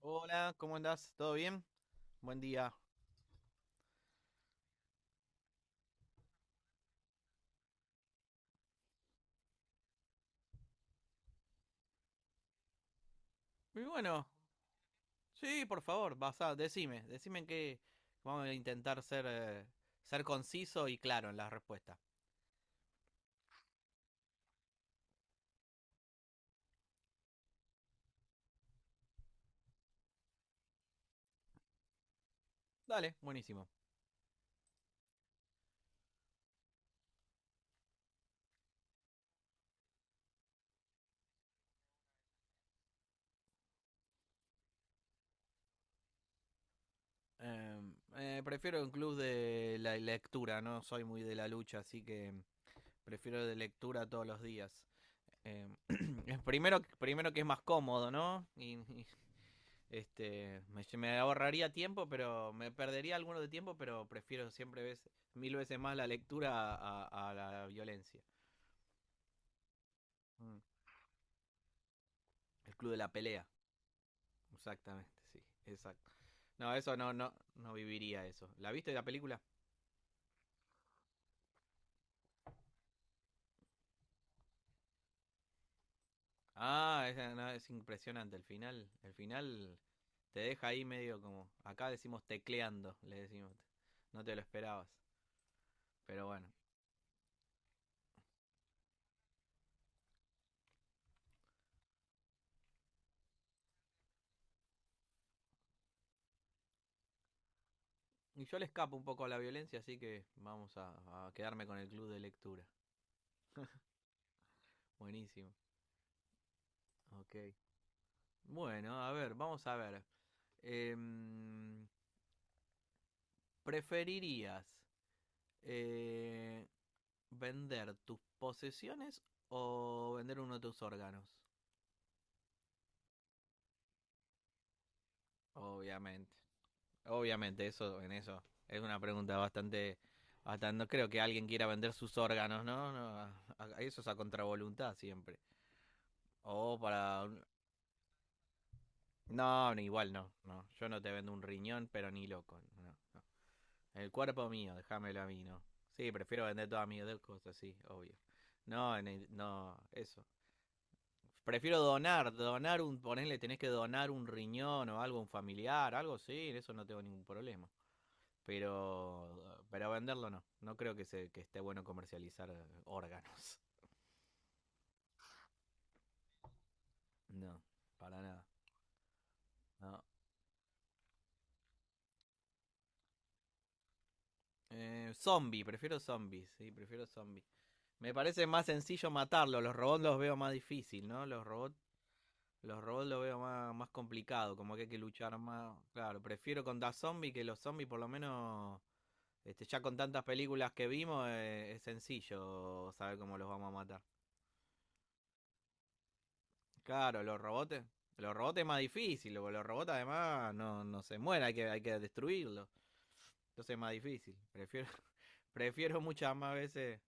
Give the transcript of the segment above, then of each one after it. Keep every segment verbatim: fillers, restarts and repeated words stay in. Hola, ¿cómo andás? ¿Todo bien? Buen día. Y bueno, sí, por favor, vas basá, decime, decime que vamos a intentar ser, eh, ser conciso y claro en las respuestas. Dale, buenísimo. Eh, eh, Prefiero un club de la lectura, no soy muy de la lucha, así que prefiero de lectura todos los días. Eh, primero, primero que es más cómodo, ¿no? Y este, me, me ahorraría tiempo, pero me perdería alguno de tiempo, pero prefiero siempre ves- mil veces más la lectura a, a- a la violencia. Mm. El club de la pelea, exactamente, sí, exacto. No, eso no, no, no viviría eso. ¿La viste la película? Ah, es, no, es impresionante el final. El final te deja ahí medio como, acá decimos tecleando, le decimos. No te lo esperabas, pero bueno. Y yo le escapo un poco a la violencia, así que vamos a, a quedarme con el club de lectura. Buenísimo. Ok. Bueno, a ver, vamos a ver. Em, ¿Preferirías eh, vender tus posesiones o vender uno de tus órganos? Obviamente. Obviamente, eso, en eso. Es una pregunta bastante, bastante. No creo que alguien quiera vender sus órganos, ¿no? No, a- a- eso es a contravoluntad siempre. O para. un- No, no, igual no, no. Yo no te vendo un riñón, pero ni loco. No, no. El cuerpo mío, déjamelo a mí, ¿no? Sí, prefiero vender todas mis cosas, sí, obvio. No, en el- no, eso. Prefiero donar, donar un, ponele, tenés que donar un riñón o algo un familiar, algo sí, en eso no tengo ningún problema. Pero, pero venderlo no. No creo que se, que esté bueno comercializar eh, órganos. No, para nada. No. Eh, zombie, prefiero zombies, sí, prefiero zombies. Me parece más sencillo matarlo, los robots los veo más difícil, ¿no? Los robots Los robots lo veo más, más complicado, como que hay que luchar más. Claro, prefiero contra zombies que los zombies, por lo menos, este, ya con tantas películas que vimos, eh, es sencillo saber cómo los vamos a matar. Claro, los robots, los robots es más difícil, porque los robots además no, no se mueren, hay que, hay que destruirlos. Entonces es más difícil. Prefiero, prefiero muchas más veces.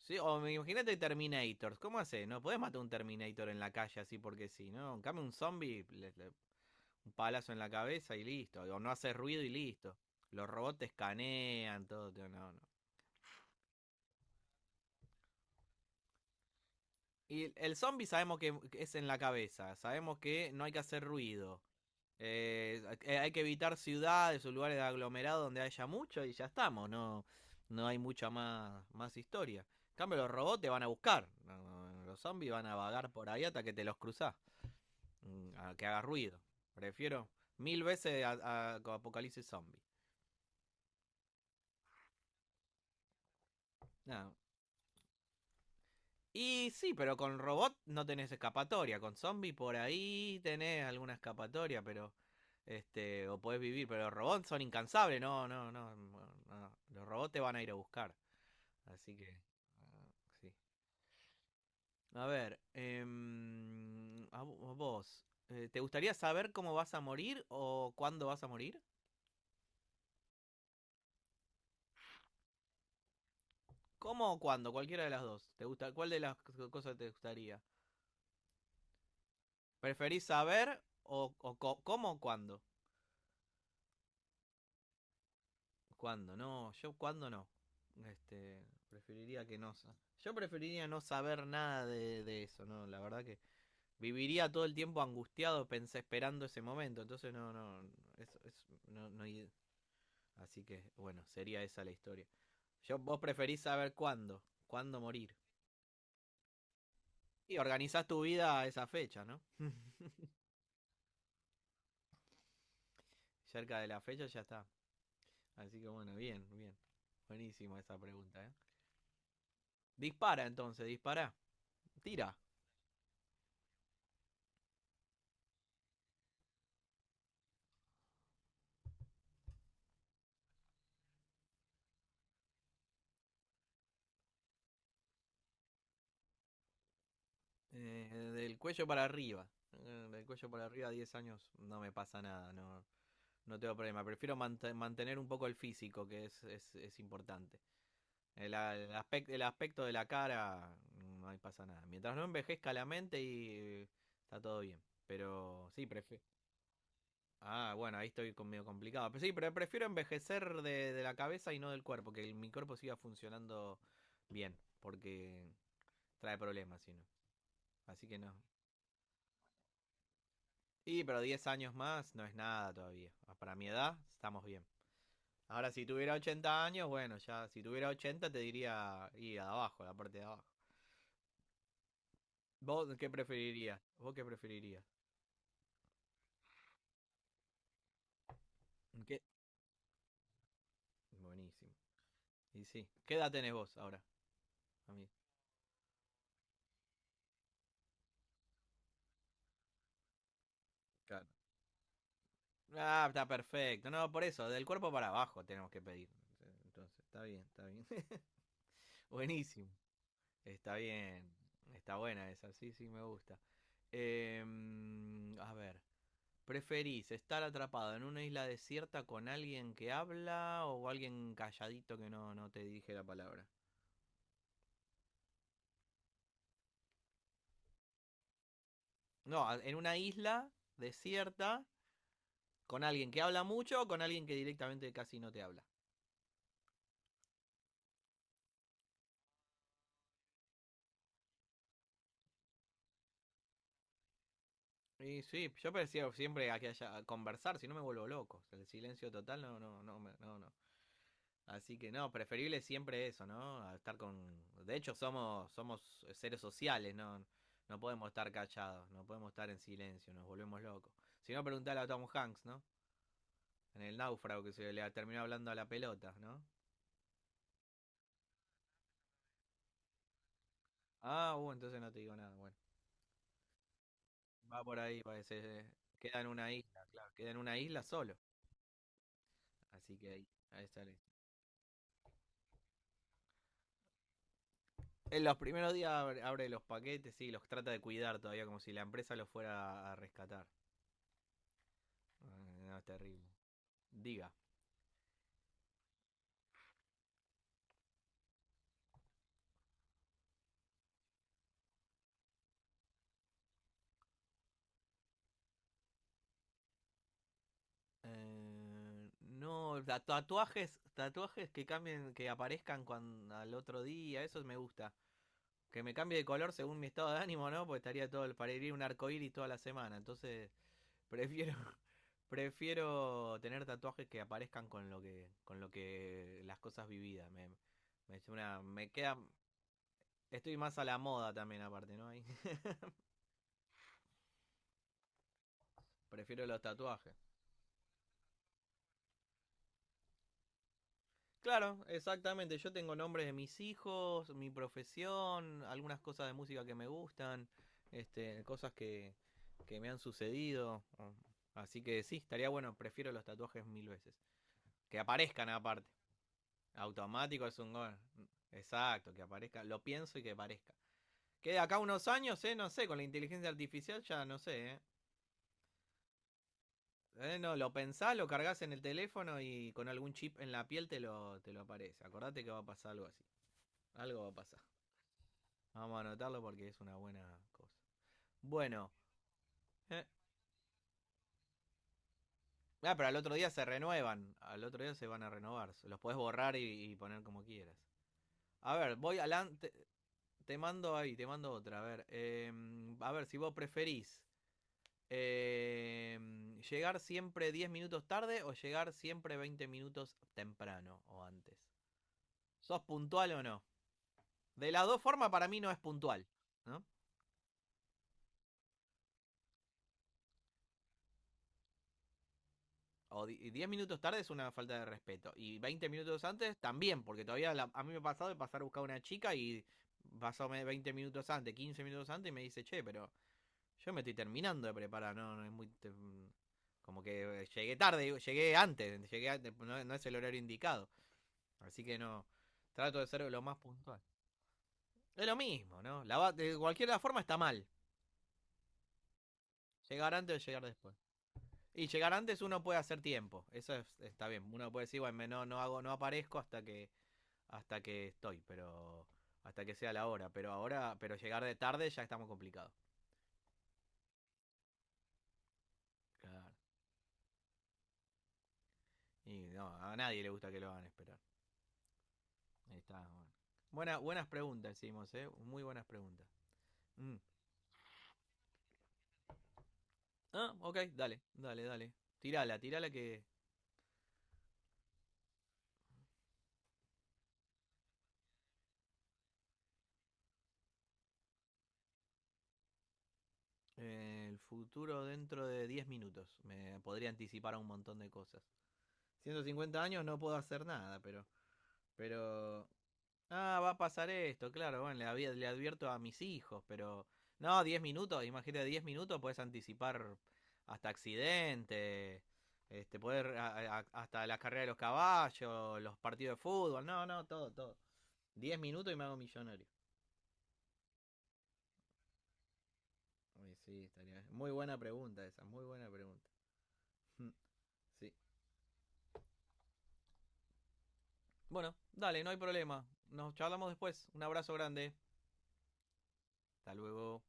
Sí, o me- imagínate Terminators. ¿Cómo haces? No podés matar un Terminator en la calle así porque sí, ¿no? En cambio, un zombie un palazo en la cabeza y listo. O no hace ruido y listo. Los robots te escanean, todo. No, no. Y el zombie sabemos que es en la cabeza. Sabemos que no hay que hacer ruido. Eh, hay que evitar ciudades o lugares de aglomerado donde haya mucho y ya estamos. No, no hay mucha más, más historia. En cambio, los robots te van a buscar. No, no. Los zombies van a vagar por ahí hasta que te los cruzás. Mm, A que haga ruido. Prefiero mil veces a, a- Apocalipsis Zombie. Nada, y sí, pero con robot no tenés escapatoria. Con zombie por ahí tenés alguna escapatoria, pero. Este, o podés vivir, pero los robots son incansables, no, no, no, no. Los robots te van a ir a buscar. Así que. Ah, sí. A ver, em, a vos, eh, ¿te gustaría saber cómo vas a morir o cuándo vas a morir? ¿Cómo o cuándo? Cualquiera de las dos. ¿Te gusta? ¿Cuál de las cosas te gustaría? ¿Preferís saber o, o cómo o cuándo? ¿Cuándo? No, yo cuándo no. Este, preferiría que no. Yo preferiría no saber nada de, de eso, ¿no? La verdad que viviría todo el tiempo angustiado, pensé, esperando ese momento. Entonces, no, no, eso, eso-, no, no. Así que, bueno, sería esa la historia. Yo, vos preferís saber cuándo, cuándo morir. Y organizás tu vida a esa fecha, ¿no? Cerca de la fecha ya está. Así que, bueno, bien, bien. Buenísimo esa pregunta, ¿eh? Dispara entonces, dispara. Tira. Eh, Del cuello para arriba. Eh, Del cuello para arriba, diez años, no me pasa nada, no, no tengo problema. Prefiero mante- mantener un poco el físico, que es, es, es importante. El, a- el aspec- el aspecto de la cara, no me pasa nada. Mientras no envejezca la mente y está todo bien. Pero sí, prefiero... Ah, bueno, ahí estoy con- medio complicado. Pero sí, pero prefiero envejecer de, de la cabeza y no del cuerpo, que el- mi cuerpo siga funcionando bien, porque trae problemas, si no. Así que no. Sí, pero diez años más no es nada todavía. Ah, para mi edad estamos bien. Ahora, si tuviera ochenta años, bueno, ya si tuviera ochenta te diría ir a abajo, la parte de abajo. ¿Vos qué preferirías? ¿Vos qué preferirías? ¿Qué? Buenísimo. Y sí. ¿Qué edad tenés vos ahora? A mí. Claro. Ah, está perfecto. No, por eso, del cuerpo para abajo tenemos que pedir. Entonces, está bien, está bien. Buenísimo. Está bien. Está buena esa, sí, sí, me gusta. Em, a ver. ¿Preferís estar atrapado en una isla desierta con alguien que habla o alguien calladito que no, no te dirige la palabra? No, a- en una isla desierta con alguien que habla mucho o con alguien que directamente casi no te habla. Y sí, yo prefiero siempre a que haya a conversar, si no me vuelvo loco. El silencio total no, no, no, me- no, no. Así que no, preferible siempre eso, ¿no? A estar con... De hecho, somos, somos seres sociales, ¿no? No no podemos estar callados, no podemos estar en silencio, nos volvemos locos. Si no, preguntale a Tom Hanks, ¿no? En el náufrago que se le terminó hablando a la pelota, ¿no? Ah, uh, entonces no te digo nada. Bueno, va por ahí, parece. Queda en una isla, claro. Queda en una isla solo. Así que ahí, ahí está. En los primeros días abre, abre los paquetes y los trata de cuidar todavía como si la empresa los fuera a rescatar. Eh, No, es terrible. Diga. Eh, no, ta- tatuajes, tatuajes que cambien, que aparezcan cuando, al otro día, eso me gusta. Que me cambie de color según mi estado de ánimo, ¿no? Porque estaría todo, parecería un arcoíris toda la semana. Entonces, prefiero, prefiero tener tatuajes que aparezcan con lo que, con lo que, las cosas vividas. Me, me, es una- me queda, estoy más a la moda también aparte, ¿no? Ahí, prefiero los tatuajes. Claro, exactamente. Yo tengo nombres de mis hijos, mi profesión, algunas cosas de música que me gustan, este, cosas que, que me han sucedido. Así que sí, estaría bueno. Prefiero los tatuajes mil veces. Que aparezcan aparte. Automático es un gol. Exacto, que aparezca. Lo pienso y que aparezca. Que de acá a unos años, eh, no sé, con la inteligencia artificial ya no sé, eh. Eh, No, lo pensás, lo cargas en el teléfono y con algún chip en la piel te lo, te lo aparece. Acordate que va a pasar algo así. Algo va a pasar. Vamos a anotarlo porque es una buena cosa. Bueno. eh, Ah, pero al otro día se renuevan. Al otro día se van a renovar. Los podés borrar y, y poner como quieras. A ver, voy adelante. Te, mando ahí, te mando otra. A ver, eh, a ver si vos preferís eh, llegar siempre diez minutos tarde o llegar siempre veinte minutos temprano o antes. ¿Sos puntual o no? De las dos formas para mí no es puntual, ¿no? O diez minutos tarde es una falta de respeto. Y veinte minutos antes también, porque todavía la- a mí me ha pasado de pasar a buscar a una chica y pasó veinte minutos antes, quince minutos antes y me dice, che, pero yo me estoy terminando de preparar, no, no es muy... te- como que eh, llegué tarde, llegué antes, llegué antes, no, no es el horario indicado. Así que no, trato de ser lo más puntual. Es lo mismo, ¿no? La de cualquier forma está mal. Llegar antes o llegar después. Y llegar antes uno puede hacer tiempo. Eso es- está bien. Uno puede decir, bueno, no, no hago, no aparezco hasta que hasta que estoy, pero hasta que sea la hora, pero ahora, pero llegar de tarde ya está muy complicado. Claro. Y no, a nadie le gusta que lo hagan esperar. Ahí está, bueno. Buena- buenas preguntas hicimos, eh, muy buenas preguntas. Mm. Ah, ok, dale, dale, dale. Tirala, tirala que eh, el futuro dentro de diez minutos me podría anticipar a un montón de cosas. Ciento cincuenta años no puedo hacer nada, pero Pero. Ah, va a pasar esto, claro. Bueno, le, había le advierto a mis hijos, pero. No, diez minutos, imagínate, diez minutos puedes anticipar hasta accidentes, este, poder, a- a- hasta la carrera de los caballos, los partidos de fútbol, no, no, todo, todo. Diez minutos y me hago millonario. Uy, sí, estaría. Muy buena pregunta esa, muy buena pregunta. Mm. Sí. Bueno, dale, no hay problema. Nos charlamos después. Un abrazo grande. Hasta luego.